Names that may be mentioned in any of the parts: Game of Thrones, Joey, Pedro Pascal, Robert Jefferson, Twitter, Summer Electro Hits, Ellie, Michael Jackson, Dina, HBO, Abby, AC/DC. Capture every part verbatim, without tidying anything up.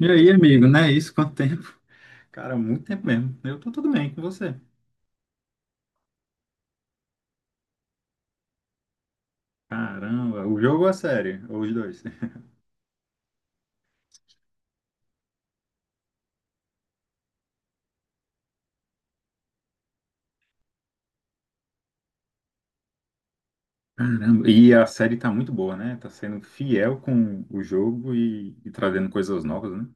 E aí, amigo, né? Isso, quanto tempo? Cara, muito tempo mesmo. Eu tô tudo bem com você. Caramba, o jogo ou a série? Ou os dois? Caramba, e a série tá muito boa, né? Tá sendo fiel com o jogo e, e trazendo coisas novas, né?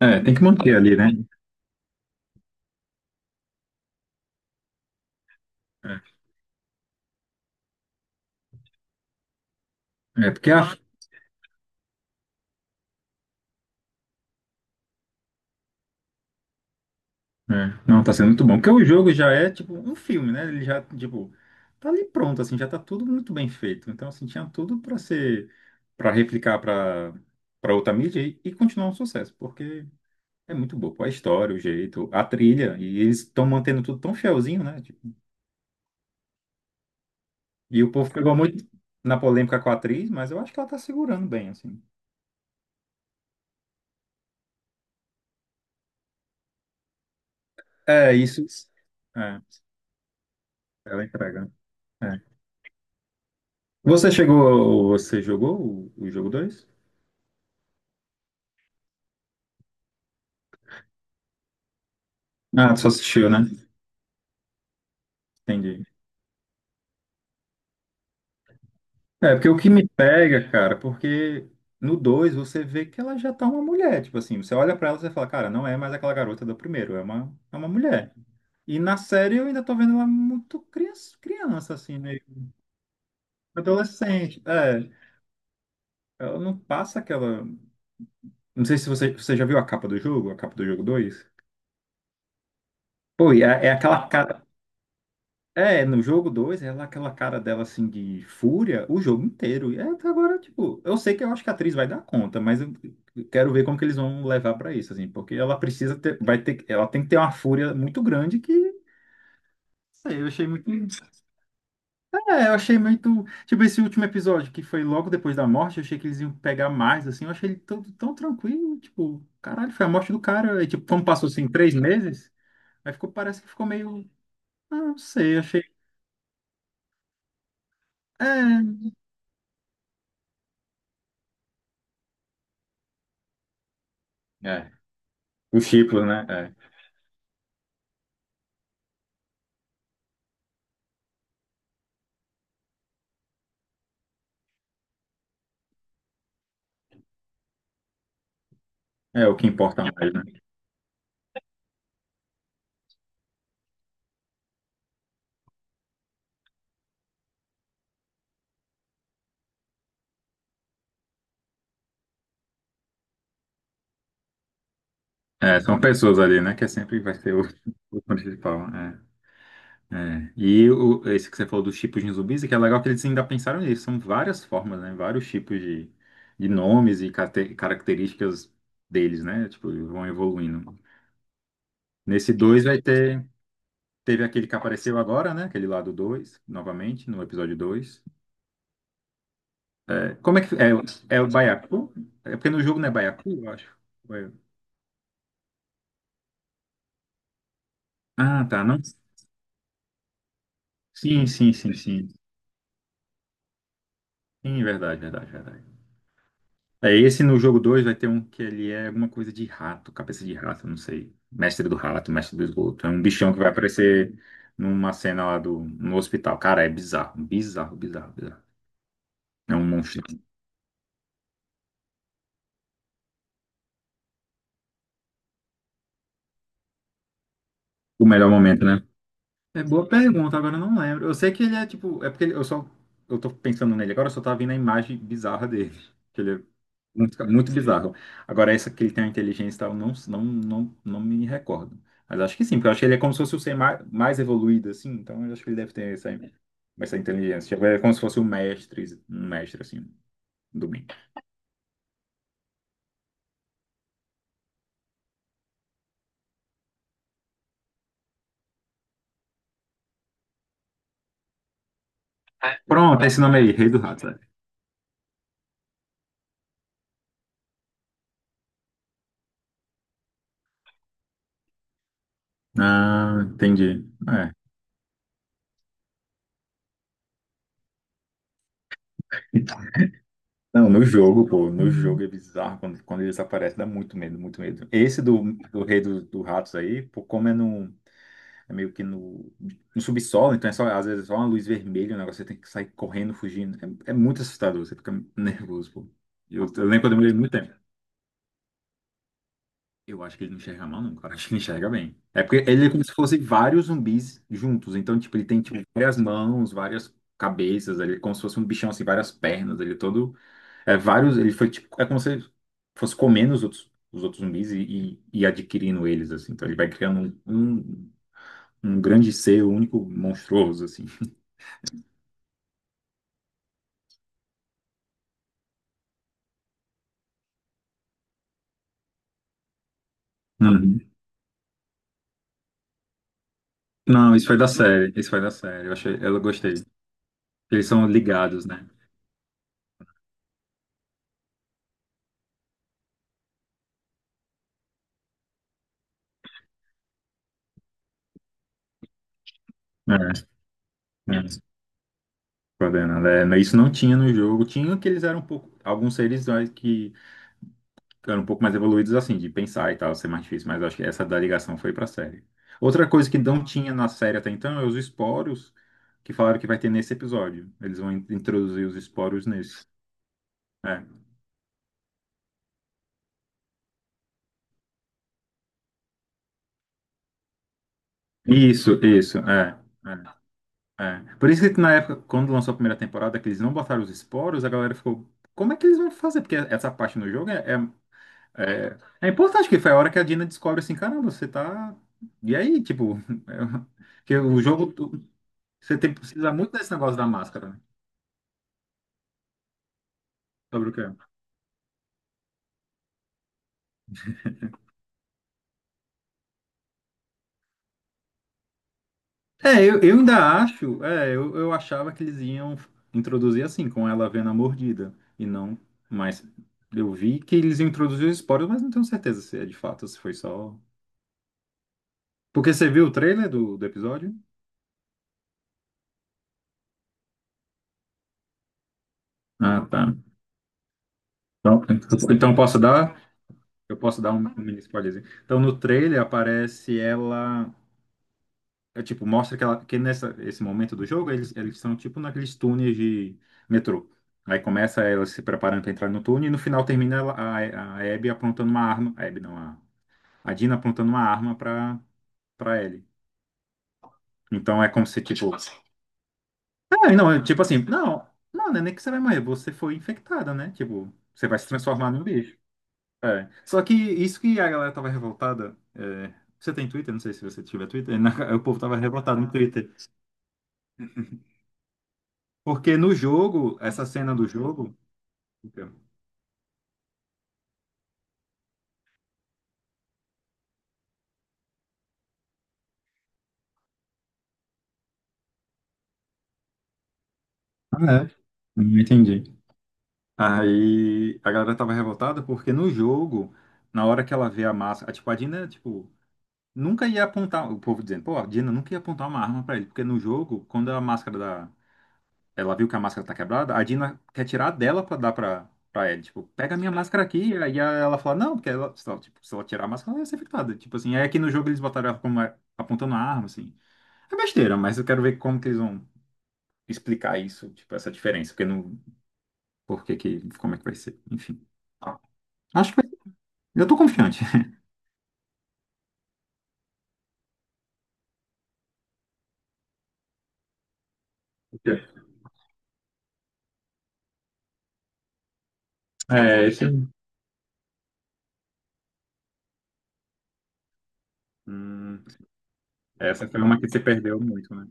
É, tem que manter ali, né? É, é porque a. É, não, tá sendo muito bom. Porque o jogo já é, tipo, um filme, né? Ele já, tipo, tá ali pronto, assim, já tá tudo muito bem feito. Então, assim, tinha tudo pra ser. Pra replicar pra, pra outra mídia e, e continuar um sucesso. Porque. É muito boa, pô, a história, o jeito, a trilha, e eles estão mantendo tudo tão fielzinho, né? Tipo, e o povo pegou muito na polêmica com a atriz, mas eu acho que ela tá segurando bem, assim. É, isso. É, ela entrega. É. Você chegou, você jogou o, o jogo dois? Ah, tu só assistiu, né? Entendi. É, porque o que me pega, cara, porque no dois você vê que ela já tá uma mulher, tipo assim, você olha pra ela e você fala, cara, não é mais aquela garota do primeiro, é uma, é uma mulher. E na série eu ainda tô vendo ela muito criança, criança assim, né? Adolescente, é. Ela não passa aquela. Não sei se você, você já viu a capa do jogo, a capa do jogo dois. Pô, e é, é aquela cara. É, no jogo dois, ela é aquela cara dela assim de fúria o jogo inteiro. E é, até agora, tipo, eu sei que eu acho que a atriz vai dar conta, mas eu eu quero ver como que eles vão levar pra isso, assim, porque ela precisa ter, vai ter, ela tem que ter uma fúria muito grande que, não sei, eu achei muito. É, eu achei muito. Tipo, esse último episódio, que foi logo depois da morte, eu achei que eles iam pegar mais, assim. Eu achei ele tão, tão tranquilo, tipo, caralho, foi a morte do cara. E, tipo, como passou assim três meses, aí ficou, parece que ficou meio. Ah, não sei, achei. É, é. O Chiplo, né? É. É o que importa mais, né? É, são pessoas ali, né? Que é sempre vai ser o, o principal. É. É, e o, esse que você falou dos tipos de zumbis, é que é legal que eles ainda pensaram nisso. São várias formas, né? Vários tipos de, de nomes e cate- características deles, né? Tipo, vão evoluindo. Nesse dois vai ter. Teve aquele que apareceu agora, né? Aquele lá do dois, novamente, no episódio dois. É, como é que. É, é o Baiacu? É porque no jogo não é Baiacu, eu acho. Ou é- Ah, tá. Não. Sim, sim, sim, sim. Sim, verdade, verdade, verdade. É, esse no jogo dois vai ter um que ele é alguma coisa de rato, cabeça de rato, não sei. Mestre do rato, mestre do esgoto. É um bichão que vai aparecer numa cena lá do, no hospital. Cara, é bizarro, bizarro, bizarro, bizarro. É um monstro. O melhor momento, né? É boa pergunta, agora eu não lembro. Eu sei que ele é tipo. É porque ele- eu só. Eu tô pensando nele agora, eu só tava vendo a imagem bizarra dele. Que ele é muito, muito bizarro. Agora, essa que ele tem uma inteligência e tal, eu não, não, não, não me recordo. Mas acho que sim, porque eu acho que ele é como se fosse o ser mais, mais evoluído, assim, então eu acho que ele deve ter essa, essa inteligência. Tipo, ele é como se fosse um mestre, um mestre, assim, do bem. Pronto, é esse nome aí, Rei do Rato, sabe? Ah, entendi. É. Não, no jogo, pô, no jogo é bizarro quando, quando eles aparecem, dá muito medo, muito medo. Esse do, do Rei do, do Ratos aí, pô, como é no. É meio que no, no subsolo, então é só, às vezes é só uma luz vermelha, o negócio você tem que sair correndo, fugindo. É, é muito assustador, você fica nervoso, pô. Eu, eu lembro quando eu demorei muito tempo. Eu acho que ele não enxerga mal, não, cara. Acho que ele enxerga bem. É porque ele é como se fosse vários zumbis juntos. Então, tipo, ele tem tipo, várias mãos, várias cabeças, ele é como se fosse um bichão assim, várias pernas, ele é todo. É vários. Ele foi tipo. É como se ele fosse comendo os outros, os outros zumbis e, e, e adquirindo eles, assim. Então ele vai criando um, um, um grande ser único, monstruoso, assim. Uhum. Não, isso foi da série. Isso foi da série. Eu achei, eu gostei. Eles são ligados, né? É, é. Coordenando. É, mas isso não tinha no jogo. Tinha que eles eram um pouco. Alguns seres né, que eram um pouco mais evoluídos, assim, de pensar e tal, ser mais difícil. Mas eu acho que essa da ligação foi pra série. Outra coisa que não tinha na série até então é os esporos que falaram que vai ter nesse episódio. Eles vão in- introduzir os esporos nesse. É. Isso, isso, é. É. Por isso que na época, quando lançou a primeira temporada, que eles não botaram os esporos, a galera ficou, como é que eles vão fazer? Porque essa parte no jogo é, é, é, é importante, que foi a hora que a Dina descobre assim, caramba, você tá. E aí, tipo, é, que o jogo, tu- você tem, precisa muito desse negócio da máscara, né? Sobre o que é. É, eu, eu ainda acho, é, eu, eu achava que eles iam introduzir assim, com ela vendo a mordida, e não, mas eu vi que eles iam introduzir os esporos, mas não tenho certeza se é de fato, se foi só. Porque você viu o trailer do, do episódio? Ah, tá. Então, então posso dar, eu posso dar um, um mini spoilerzinho. Então no trailer aparece ela, é, tipo, mostra que, ela, que nessa esse momento do jogo eles eles são tipo naqueles túneis de metrô. Aí começa ela se preparando para entrar no túnel e no final termina ela- a, a Abby apontando uma arma, a Abby não, a, a Dina apontando uma arma para para ele. Então é como se tipo, ah, não, é tipo assim, não, não, não é nem que você vai morrer, você foi infectada, né? Tipo, você vai se transformar num bicho. É. Só que isso que a galera tava revoltada. É, você tem Twitter? Não sei se você tiver Twitter. na- O povo tava revoltado no Twitter. Porque no jogo, essa cena do jogo. Ah, é? Não entendi. Aí a galera tava revoltada porque no jogo, na hora que ela vê a máscara. Tipo, a Dina, tipo. Nunca ia apontar. O povo dizendo, pô, a Dina nunca ia apontar uma arma pra ele. Porque no jogo, quando a máscara da. Ela viu que a máscara tá quebrada, a Dina quer tirar a dela pra dar pra, pra ela. Tipo, pega a minha máscara aqui. E aí a- ela fala, não, porque ela, se ela, tipo, se ela tirar a máscara, ela ia ser infectada. Tipo assim, aí aqui no jogo eles botaram ela como é- apontando a arma, assim. É besteira, mas eu quero ver como que eles vão explicar isso, tipo, essa diferença, porque não. Por que que, como é que vai ser? Enfim. Acho que vai- eu tô confiante. É, esse. Hum, essa foi uma que você perdeu muito, né?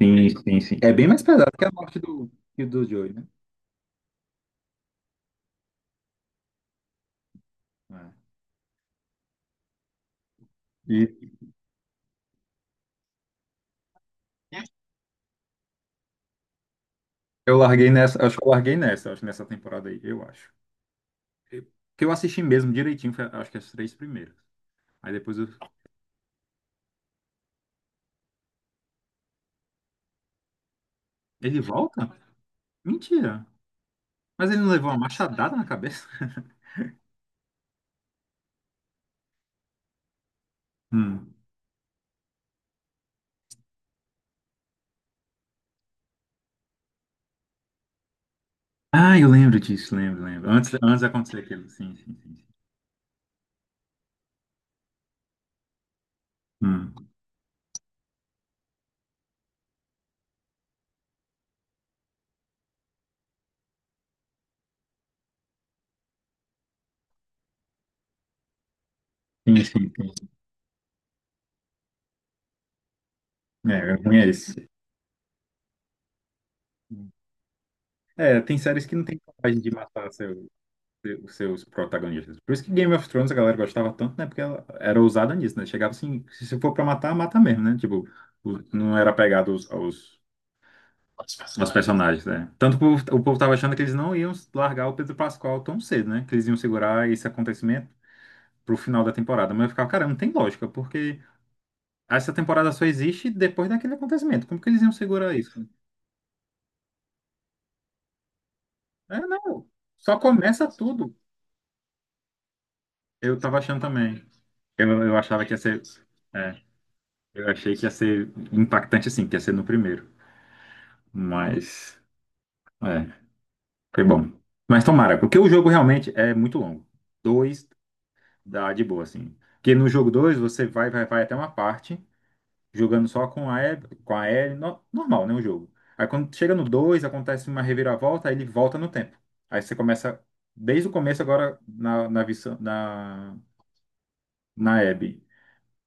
Sim, sim, sim. É bem mais pesado que a morte do, que do Joey, né? É. E, eu larguei nessa, acho que eu larguei nessa, acho que nessa temporada aí, eu acho. Eu- Que eu assisti mesmo direitinho, foi, acho que as três primeiras. Aí depois eu. Ele volta? Mentira. Mas ele não levou uma machadada na cabeça? Hum. Ah, eu lembro disso, lembro, lembro. Antes, antes de acontecer aquilo. Sim, sim, sim. Sim. Hum. Sim, sim, sim. É, ruim é esse. É, tem séries que não tem coragem de matar seu, os seus protagonistas. Por isso que Game of Thrones a galera gostava tanto, né? Porque ela era ousada nisso, né? Chegava assim, se for pra matar, mata mesmo, né? Tipo, o- não era pegado aos, aos, aos personagens, né? Tanto que o povo, o povo tava achando que eles não iam largar o Pedro Pascal tão cedo, né? Que eles iam segurar esse acontecimento pro final da temporada. Mas eu ficava, cara, não tem lógica, porque essa temporada só existe depois daquele acontecimento. Como que eles iam segurar isso? É, não. Só começa tudo. Eu tava achando também. Eu, eu achava que ia ser. É. Eu achei que ia ser impactante assim, que ia ser no primeiro. Mas, é, foi bom. Mas tomara, porque o jogo realmente é muito longo. Dois dá de boa, assim. Porque no jogo dois você vai, vai, vai até uma parte, jogando só com a E, com a L, no- normal, né, o jogo. Aí quando chega no dois acontece uma reviravolta, aí ele volta no tempo. Aí você começa desde o começo agora na, na, visão- na, na Abby.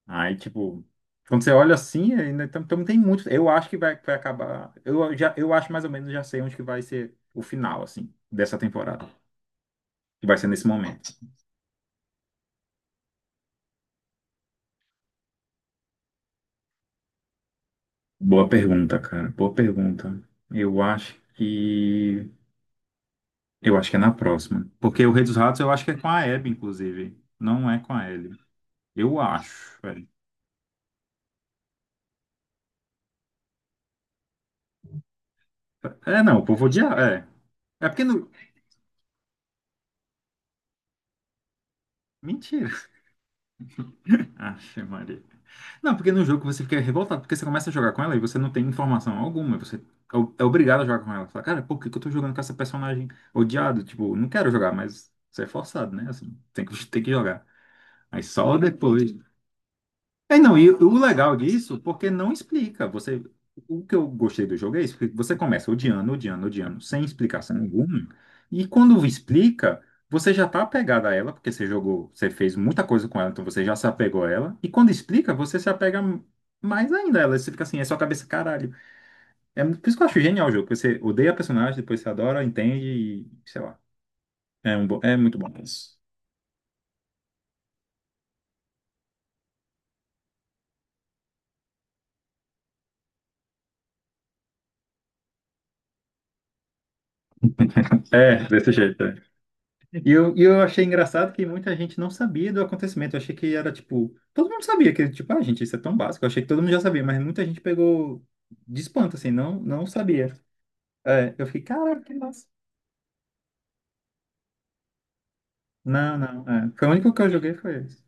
Aí, tipo, quando você olha assim, ainda então, então tem muito. Eu acho que vai, vai acabar. Eu já, eu acho mais ou menos já sei onde que vai ser o final, assim, dessa temporada. Que vai ser nesse momento. Boa pergunta, cara. Boa pergunta. Eu acho que. Eu acho que é na próxima. Porque o Rei dos Ratos eu acho que é com a Abby, inclusive. Não é com a Ellie. Eu acho, velho. É, não, o povo odiar. É. É porque não. Mentira. Ache, Maria. Não, porque no jogo você fica revoltado, porque você começa a jogar com ela e você não tem informação alguma, você é o- é obrigado a jogar com ela. Você fala, cara, por que que eu tô jogando com essa personagem odiado? Tipo, não quero jogar, mas você é forçado, né? Assim, tem que, tem que jogar. Mas só depois. É, não, e o legal disso, porque não explica. Você, o que eu gostei do jogo é isso, que você começa odiando, odiando, odiando, sem explicação nenhuma, e quando explica, você já tá apegado a ela, porque você jogou, você fez muita coisa com ela, então você já se apegou a ela, e quando explica, você se apega mais ainda a ela, você fica assim, é sua cabeça, caralho. É muito- por isso que eu acho genial o jogo, porque você odeia a personagem, depois você adora, entende, e sei lá. É, um, bo- é muito bom isso. É, desse jeito. E eu, e eu achei engraçado que muita gente não sabia do acontecimento. Eu achei que era tipo. Todo mundo sabia que, tipo, ah, gente, isso é tão básico. Eu achei que todo mundo já sabia, mas muita gente pegou de espanto, assim, não, não sabia. É, eu fiquei, caraca, que massa. Não, não, é. Foi o único que eu joguei foi esse.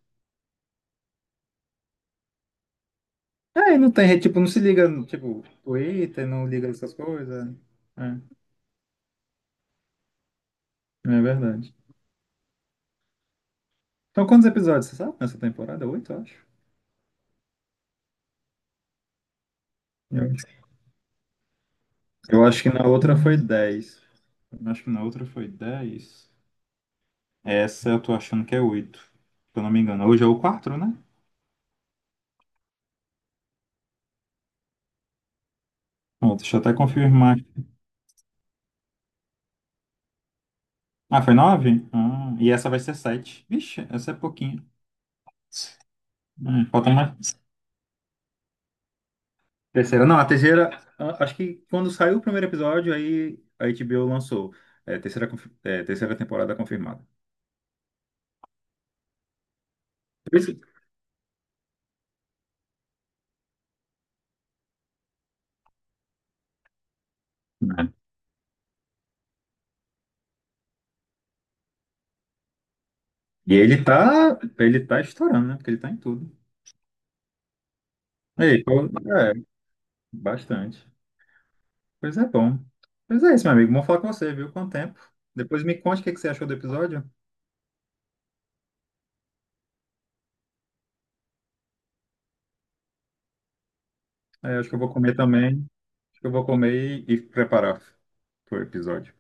É, e não tem, re- tipo, não se liga, no, tipo, Twitter, não liga essas coisas. É, é verdade. Então, quantos episódios, você sabe, nessa temporada? Oito, eu acho. Eu, eu acho que na outra foi dez. Eu acho que na outra foi dez. Essa eu tô achando que é oito, se eu não me engano. Hoje é o quatro, né? Pronto, deixa eu até confirmar. Ah, foi nove. Ah, e essa vai ser sete. Vixe, essa é pouquinho. Hum, falta mais. Terceira. Não, a terceira. a- Acho que quando saiu o primeiro episódio, aí a H B O lançou. É, terceira, confi- é, terceira temporada confirmada. Por isso- É. E ele tá. Ele tá estourando, né? Porque ele tá em tudo. Ei, pô, é, bastante. Pois é bom. Pois é isso, meu amigo. Vamos falar com você, viu? Quanto tempo? Depois me conte o que que você achou do episódio. É, acho que eu vou comer também. Acho que eu vou comer e, e preparar pro episódio.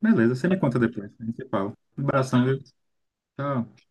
Beleza, você me conta depois. A gente se fala. Um abração, viu? Tchau.